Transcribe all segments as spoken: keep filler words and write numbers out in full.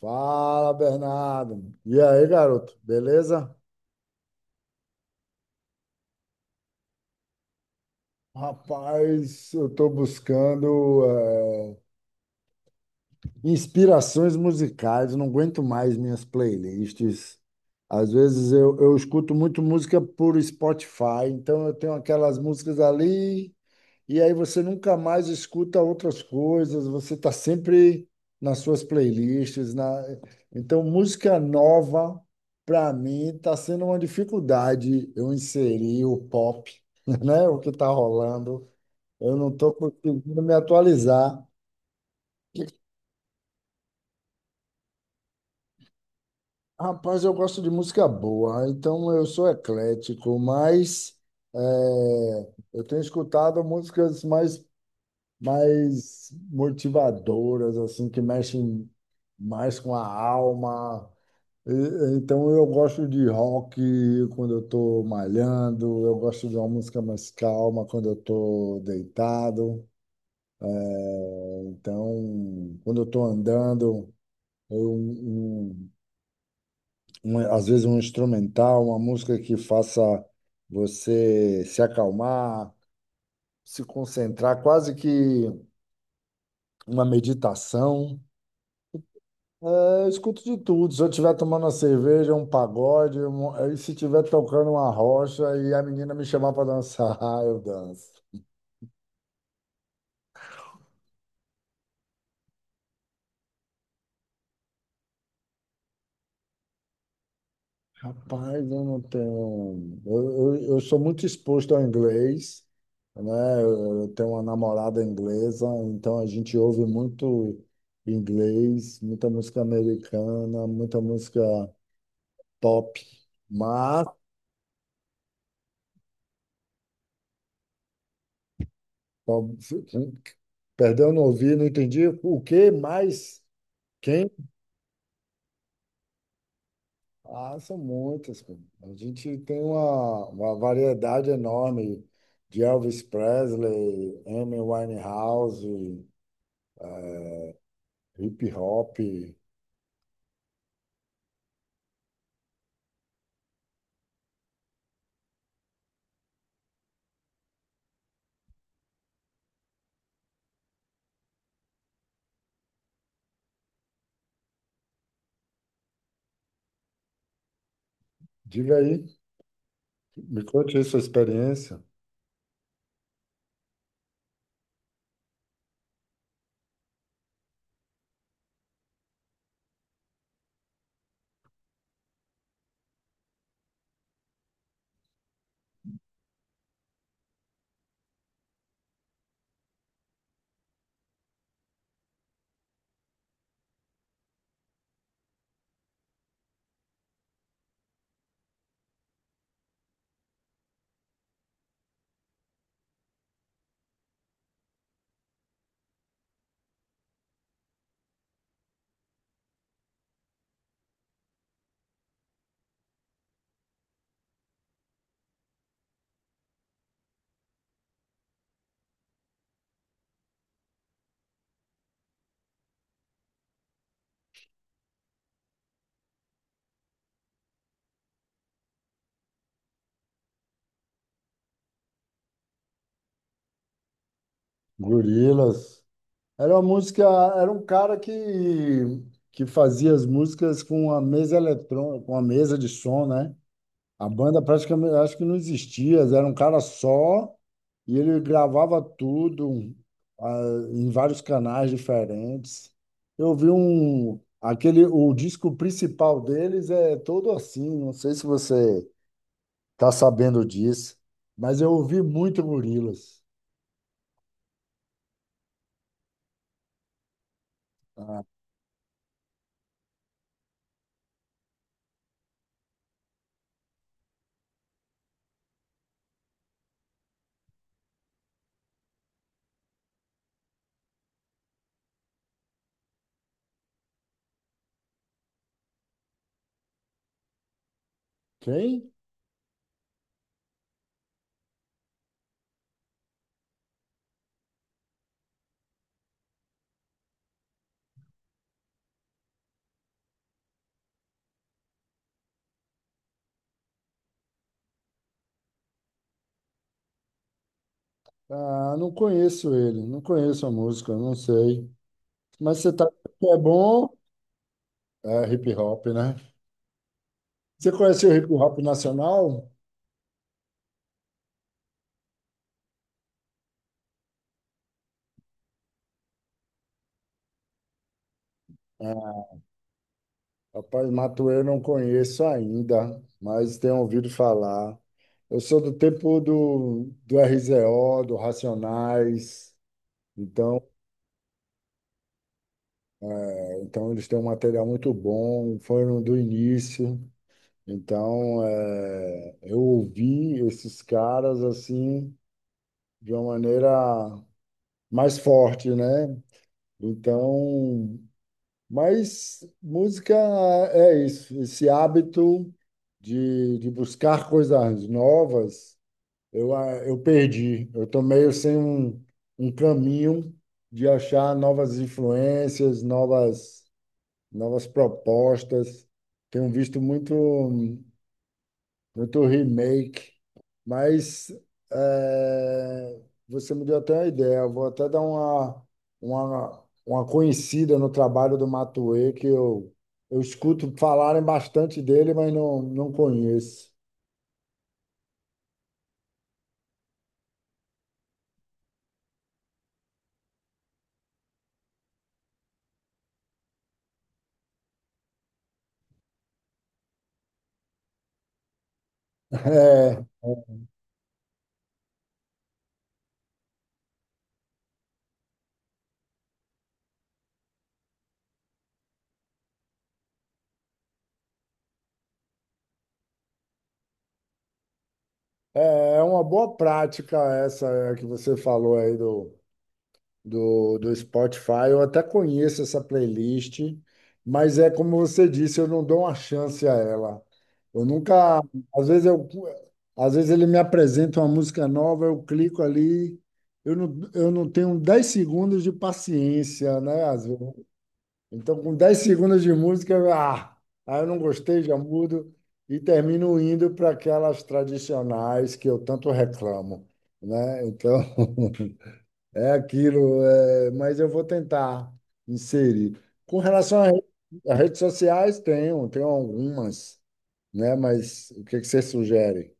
Fala, Bernardo. E aí, garoto, beleza? Rapaz, eu tô buscando eh, inspirações musicais, não aguento mais minhas playlists. Às vezes eu, eu escuto muito música por Spotify, então eu tenho aquelas músicas ali. E aí você nunca mais escuta outras coisas, você está sempre nas suas playlists, na... Então, música nova, para mim, está sendo uma dificuldade eu inserir o pop, né? O que está rolando. Eu não estou conseguindo me atualizar. Rapaz, eu gosto de música boa, então eu sou eclético, mas eh, eu tenho escutado músicas mais mais motivadoras, assim, que mexem mais com a alma. E- Então eu gosto de rock quando eu estou malhando, eu gosto de uma música mais calma quando eu estou deitado. Então, quando eu estou andando, eu- um- um- um, às vezes um instrumental, uma música que faça você se acalmar, se concentrar, quase que uma meditação. É, eu escuto de tudo. Se eu estiver tomando uma cerveja, um pagode, um- e se estiver tocando uma rocha e a menina me chamar para dançar, eu danço. Rapaz, eu não tenho. Eu, eu, eu sou muito exposto ao inglês, né? Eu eu tenho uma namorada inglesa, então a gente ouve muito inglês, muita música americana, muita música pop. Mas, perdão, não ouvi, não entendi o que mais. Quem? Ah, são muitas, pô. A gente tem uma, uma variedade enorme de Elvis Presley, Amy Winehouse, eh, hip hop. Diga aí, me conte aí sua experiência. Gorilas. Era uma música, era um cara que, que fazia as músicas com a mesa eletrônica, com a mesa de som, né? A banda praticamente, acho que não existia, era um cara só e ele gravava tudo ah, em vários canais diferentes. Eu vi um, aquele, o disco principal deles é todo assim, não sei se você está sabendo disso, mas eu ouvi muito Gorillaz. Quem? Ah, não conheço ele, não conheço a música, não sei. Mas você tá, é bom, é hip hop, né? Você conhece o hip hop nacional? É. Rapaz, Matuê eu não conheço ainda, mas tenho ouvido falar. Eu sou do tempo do, do R Z O, do Racionais, então, é, então eles têm um material muito bom, foram do início. Então, eh, eu ouvi esses caras assim de uma maneira mais forte, né? Então, mas música é isso, esse hábito de, de buscar coisas novas. Eu, ah, eu perdi. Eu tô meio sem um, um caminho de achar novas influências, novas, novas propostas. Tenho visto muito, muito remake, mas eh, você me deu até uma ideia. Eu vou até dar uma, uma, uma conhecida no trabalho do Matuê, que eu, eu escuto falarem bastante dele, mas não, não conheço. É. É é uma boa prática essa é, que você falou aí do, do, do Spotify. Eu até conheço essa playlist, mas é como você disse, eu não dou uma chance a ela. Eu nunca, às vezes eu, às vezes ele me apresenta uma música nova, eu clico ali, eu não, eu não tenho dez segundos de paciência, né? Às vezes. Então, com dez segundos de música, ah, aí eu não gostei, já mudo e termino indo para aquelas tradicionais que eu tanto reclamo, né? Então, é aquilo, é, mas eu vou tentar inserir. Com relação a, re- a redes sociais, tenho, tenho algumas, né? Mas o que que você sugere?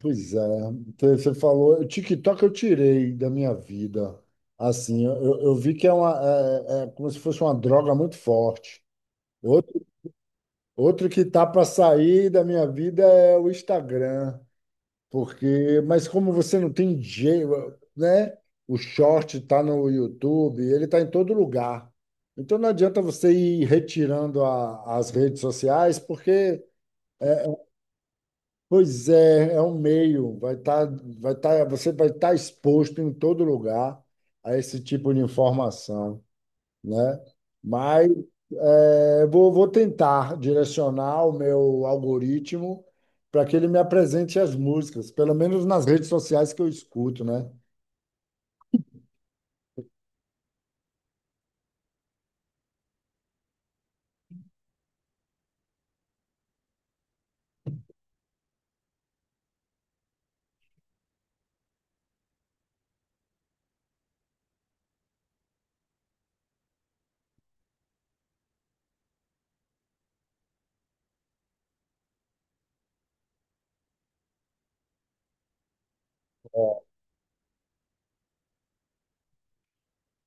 Pois é, então, você falou, o TikTok eu tirei da minha vida. Assim, eu, eu vi que é uma, é, é é como se fosse uma droga muito forte. Outro, outro que tá para sair da minha vida é o Instagram, porque, mas como você não tem jeito, né? O short tá no YouTube, ele tá em todo lugar. Então não adianta você ir retirando a- as redes sociais, porque. Pois é, é um meio, vai estar, vai tá, você vai estar exposto em todo lugar a esse tipo de informação, né? Mas é, vou, vou tentar direcionar o meu algoritmo para que ele me apresente as músicas, pelo menos nas redes sociais que eu escuto, né?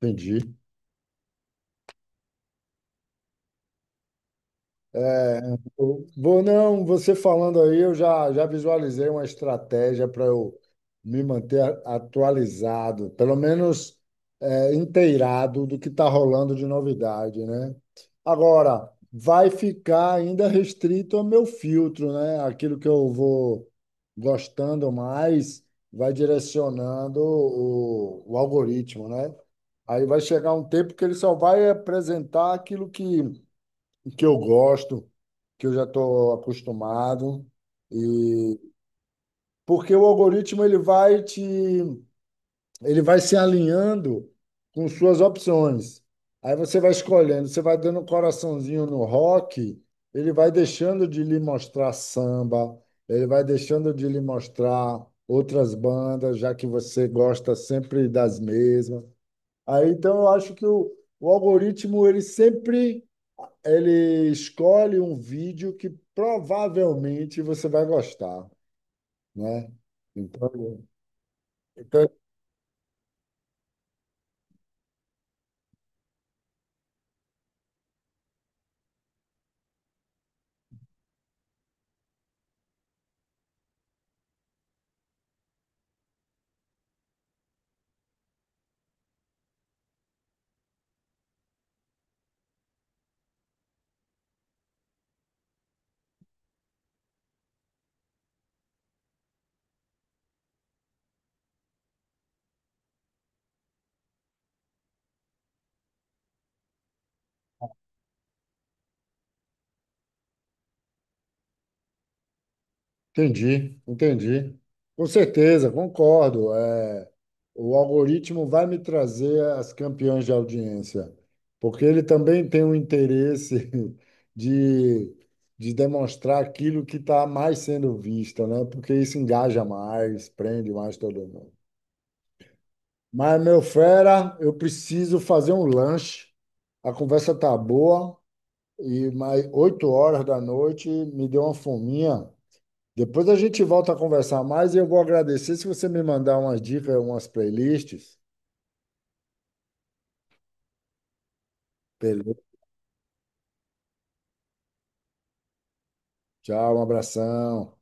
Entendi. Eu vou, não, você falando aí, eu já, já visualizei uma estratégia para eu me manter a- atualizado, pelo menos é, inteirado do que está rolando de novidade, né? Agora, vai ficar ainda restrito ao meu filtro, né? Aquilo que eu vou gostando mais vai direcionando o, o algoritmo, né? Aí vai chegar um tempo que ele só vai apresentar aquilo que, que eu gosto, que eu já estou acostumado. E porque o algoritmo ele vai te ele vai se alinhando com suas opções. Aí você vai escolhendo, você vai dando um coraçãozinho no rock, ele vai deixando de lhe mostrar samba, ele vai deixando de lhe mostrar outras bandas, já que você gosta sempre das mesmas. Aí então eu acho que o, o algoritmo ele sempre ele escolhe um vídeo que provavelmente você vai gostar, né? Então, então entendi, entendi. Com certeza, concordo. É, o algoritmo vai me trazer as campeãs de audiência, porque ele também tem um interesse de, de demonstrar aquilo que está mais sendo visto, né? Porque isso engaja mais, prende mais todo mundo. Mas, meu fera, eu preciso fazer um lanche. A conversa tá boa, e mais oito horas da noite me deu uma fominha. Depois a gente volta a conversar mais e eu vou agradecer se você me mandar umas dicas, umas playlists. Beleza? Tchau, um abração.